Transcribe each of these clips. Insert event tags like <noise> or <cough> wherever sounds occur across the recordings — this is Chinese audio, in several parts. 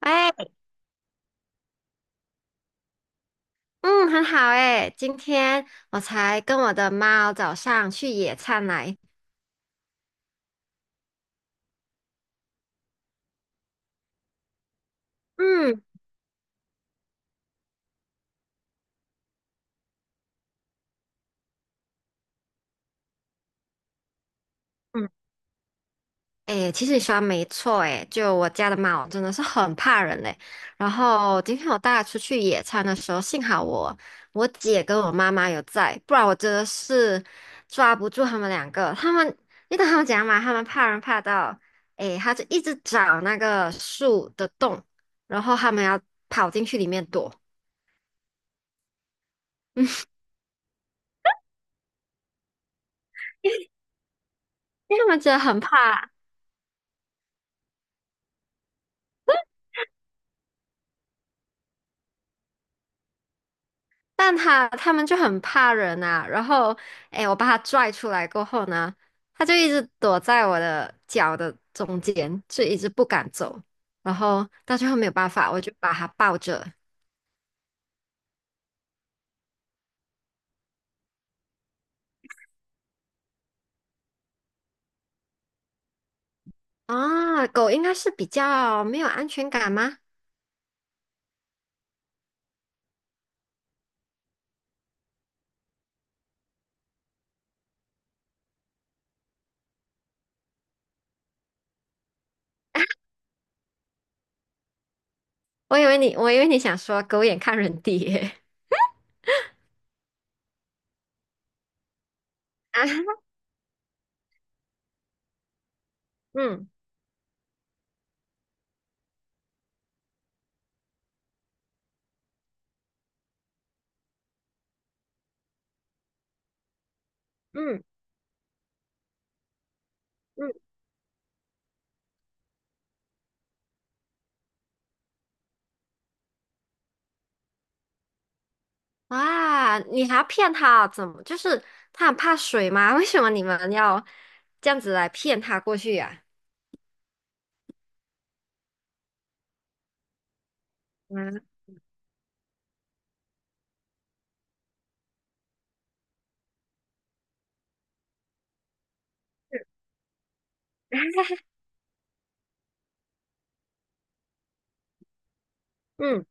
哎，嗯，很好哎，今天我才跟我的猫早上去野餐来。嗯嗯，哎，其实你说的没错哎，就我家的猫真的是很怕人嘞。然后今天我带它出去野餐的时候，幸好我姐跟我妈妈有在，不然我真的是抓不住他们两个。他们，你懂他们讲嘛？他们怕人怕到，哎，他就一直找那个树的洞，然后他们要跑进去里面躲，因为他们真的很怕。但他们就很怕人啊，然后，哎，我把他拽出来过后呢，他就一直躲在我的脚的中间，就一直不敢走，然后到最后没有办法，我就把它抱着。啊，狗应该是比较没有安全感吗？我以为你想说狗眼看人低耶。<laughs> 啊，嗯嗯嗯，哇，你还要骗他？怎么？就是他很怕水吗？为什么你们要这样子来骗他过去呀、啊？<laughs> 嗯嗯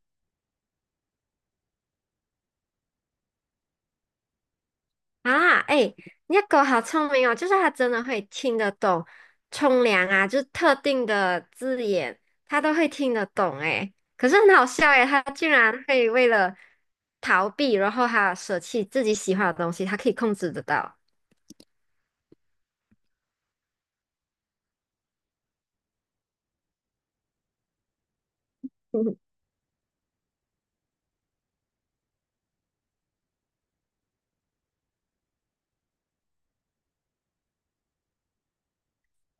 啊，哎，你的狗好聪明哦，就是它真的会听得懂冲凉啊，就是特定的字眼，它都会听得懂哎。可是很好笑哎，它竟然会为了逃避，然后它舍弃自己喜欢的东西，它可以控制得到。<laughs>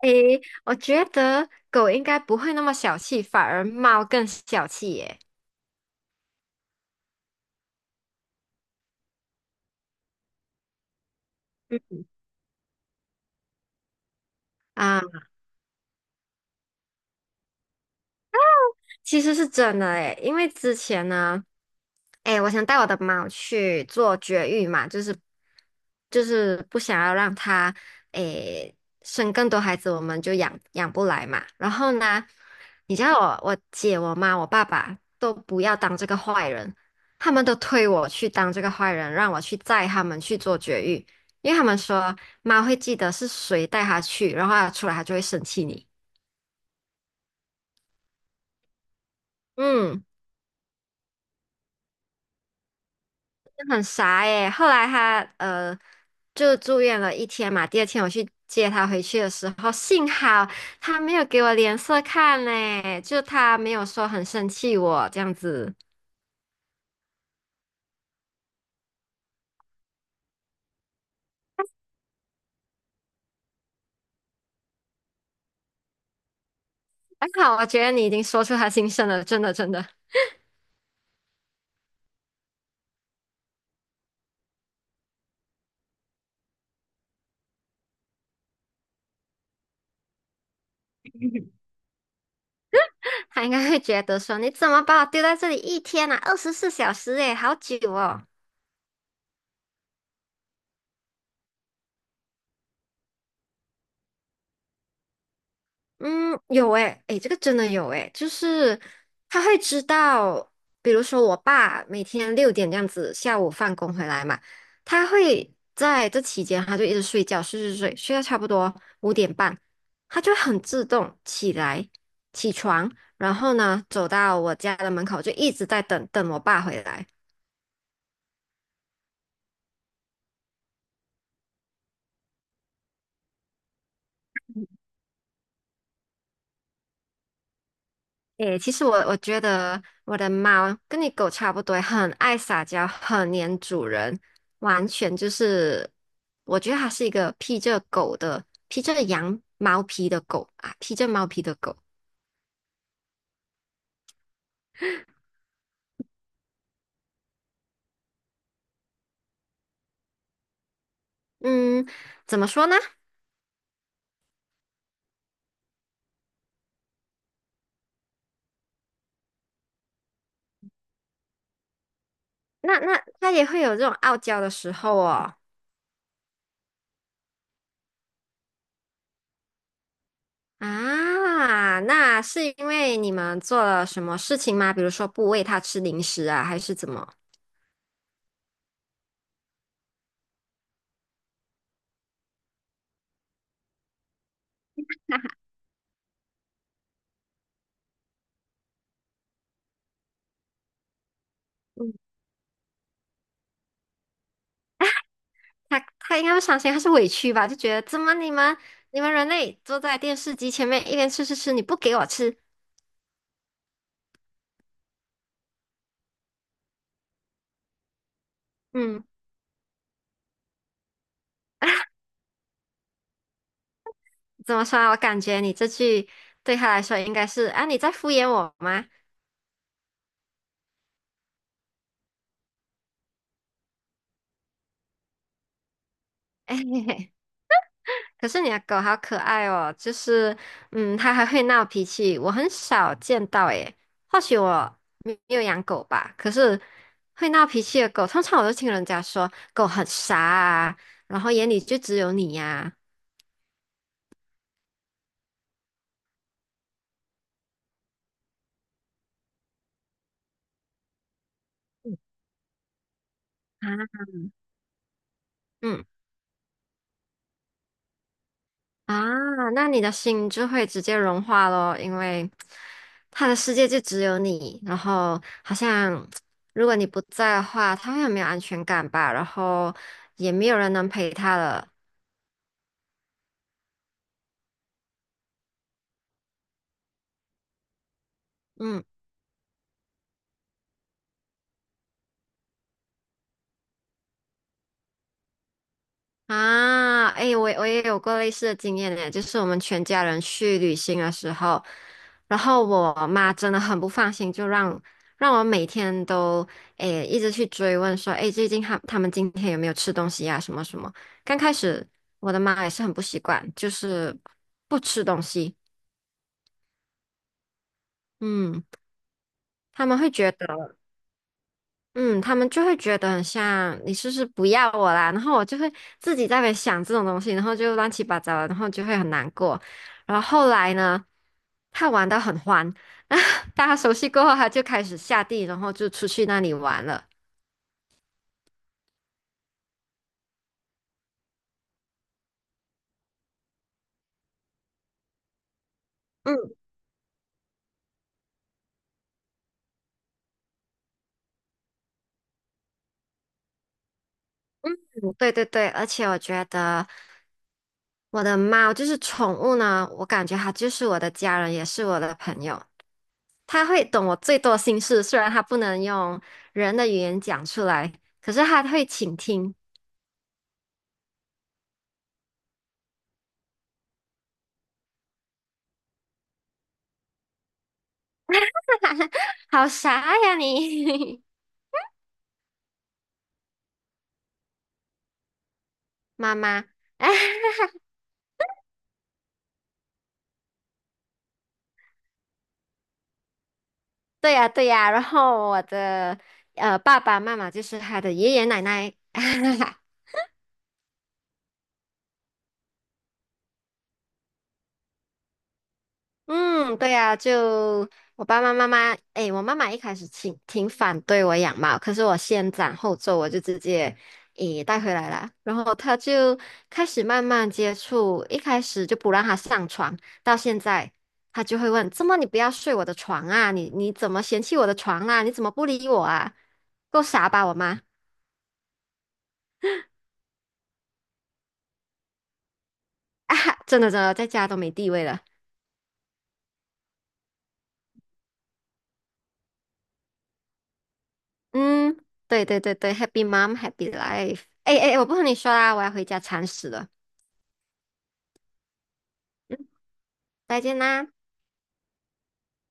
诶，我觉得狗应该不会那么小气，反而猫更小气耶。嗯啊。其实是真的诶，因为之前呢，诶，我想带我的猫去做绝育嘛，就是不想要让它诶生更多孩子，我们就养不来嘛。然后呢，你知道我姐、我妈、我爸爸都不要当这个坏人，他们都推我去当这个坏人，让我去载他们去做绝育，因为他们说猫会记得是谁带它去，然后它出来它就会生气你。嗯。很傻耶。后来他就住院了一天嘛，第二天我去接他回去的时候，幸好他没有给我脸色看嘞，就他没有说很生气我这样子。还好，我觉得你已经说出他心声了，真的真的，<laughs> 他应该会觉得说你怎么把我丢在这里一天啊，24小时诶，好久哦。嗯，有诶，诶，这个真的有诶，就是他会知道，比如说我爸每天6点这样子下午放工回来嘛，他会在这期间他就一直睡觉，睡睡睡，睡到差不多5点半，他就很自动起来起床，然后呢走到我家的门口就一直在等我爸回来。诶，其实我觉得我的猫跟你狗差不多，很爱撒娇，很黏主人，完全就是，我觉得它是一个披着狗的，披着羊毛皮的狗啊，披着毛皮的狗。嗯，怎么说呢？那它也会有这种傲娇的时候哦。啊，那是因为你们做了什么事情吗？比如说不喂它吃零食啊，还是怎么？他应该不伤心，他是委屈吧？就觉得怎么你们人类坐在电视机前面一边吃吃吃，你不给我吃，嗯，怎么说啊？我感觉你这句对他来说应该是啊，你在敷衍我吗？<laughs> 哎，可是你的狗好可爱哦，就是嗯，它还会闹脾气，我很少见到诶。或许我没有养狗吧，可是会闹脾气的狗，通常我都听人家说狗很傻啊，然后眼里就只有你呀、啊。啊嗯。啊，那你的心就会直接融化咯，因为他的世界就只有你，然后好像如果你不在的话，他会很没有安全感吧，然后也没有人能陪他了。嗯。啊，哎，我也有过类似的经验呢，就是我们全家人去旅行的时候，然后我妈真的很不放心，就让我每天都一直去追问说，哎，最近他们今天有没有吃东西呀、什么什么。刚开始我的妈也是很不习惯，就是不吃东西，嗯，他们会觉得。嗯，他们就会觉得很像你是不是不要我啦，然后我就会自己在那边想这种东西，然后就乱七八糟的，然后就会很难过。然后后来呢，他玩得很欢，<laughs> 大家熟悉过后，他就开始下地，然后就出去那里玩了。嗯，嗯对对对，而且我觉得我的猫就是宠物呢，我感觉它就是我的家人，也是我的朋友，它会懂我最多心事，虽然它不能用人的语言讲出来，可是它会倾听。好傻呀你，<laughs> 妈妈。<laughs> 哎，对呀对呀，然后我的爸爸妈妈就是他的爷爷奶奶。<laughs> 嗯，对呀，就我爸爸妈妈，诶，我妈妈一开始挺反对我养猫，可是我先斩后奏，我就直接带回来了。然后她就开始慢慢接触，一开始就不让她上床，到现在她就会问："怎么你不要睡我的床啊？你怎么嫌弃我的床啊？你怎么不理我啊？够傻吧，我妈 <laughs> 啊！真的真的，在家都没地位了。"嗯，对对对对，Happy Mom Happy Life。诶诶，诶我不和你说啦，我要回家铲屎了。再见啦。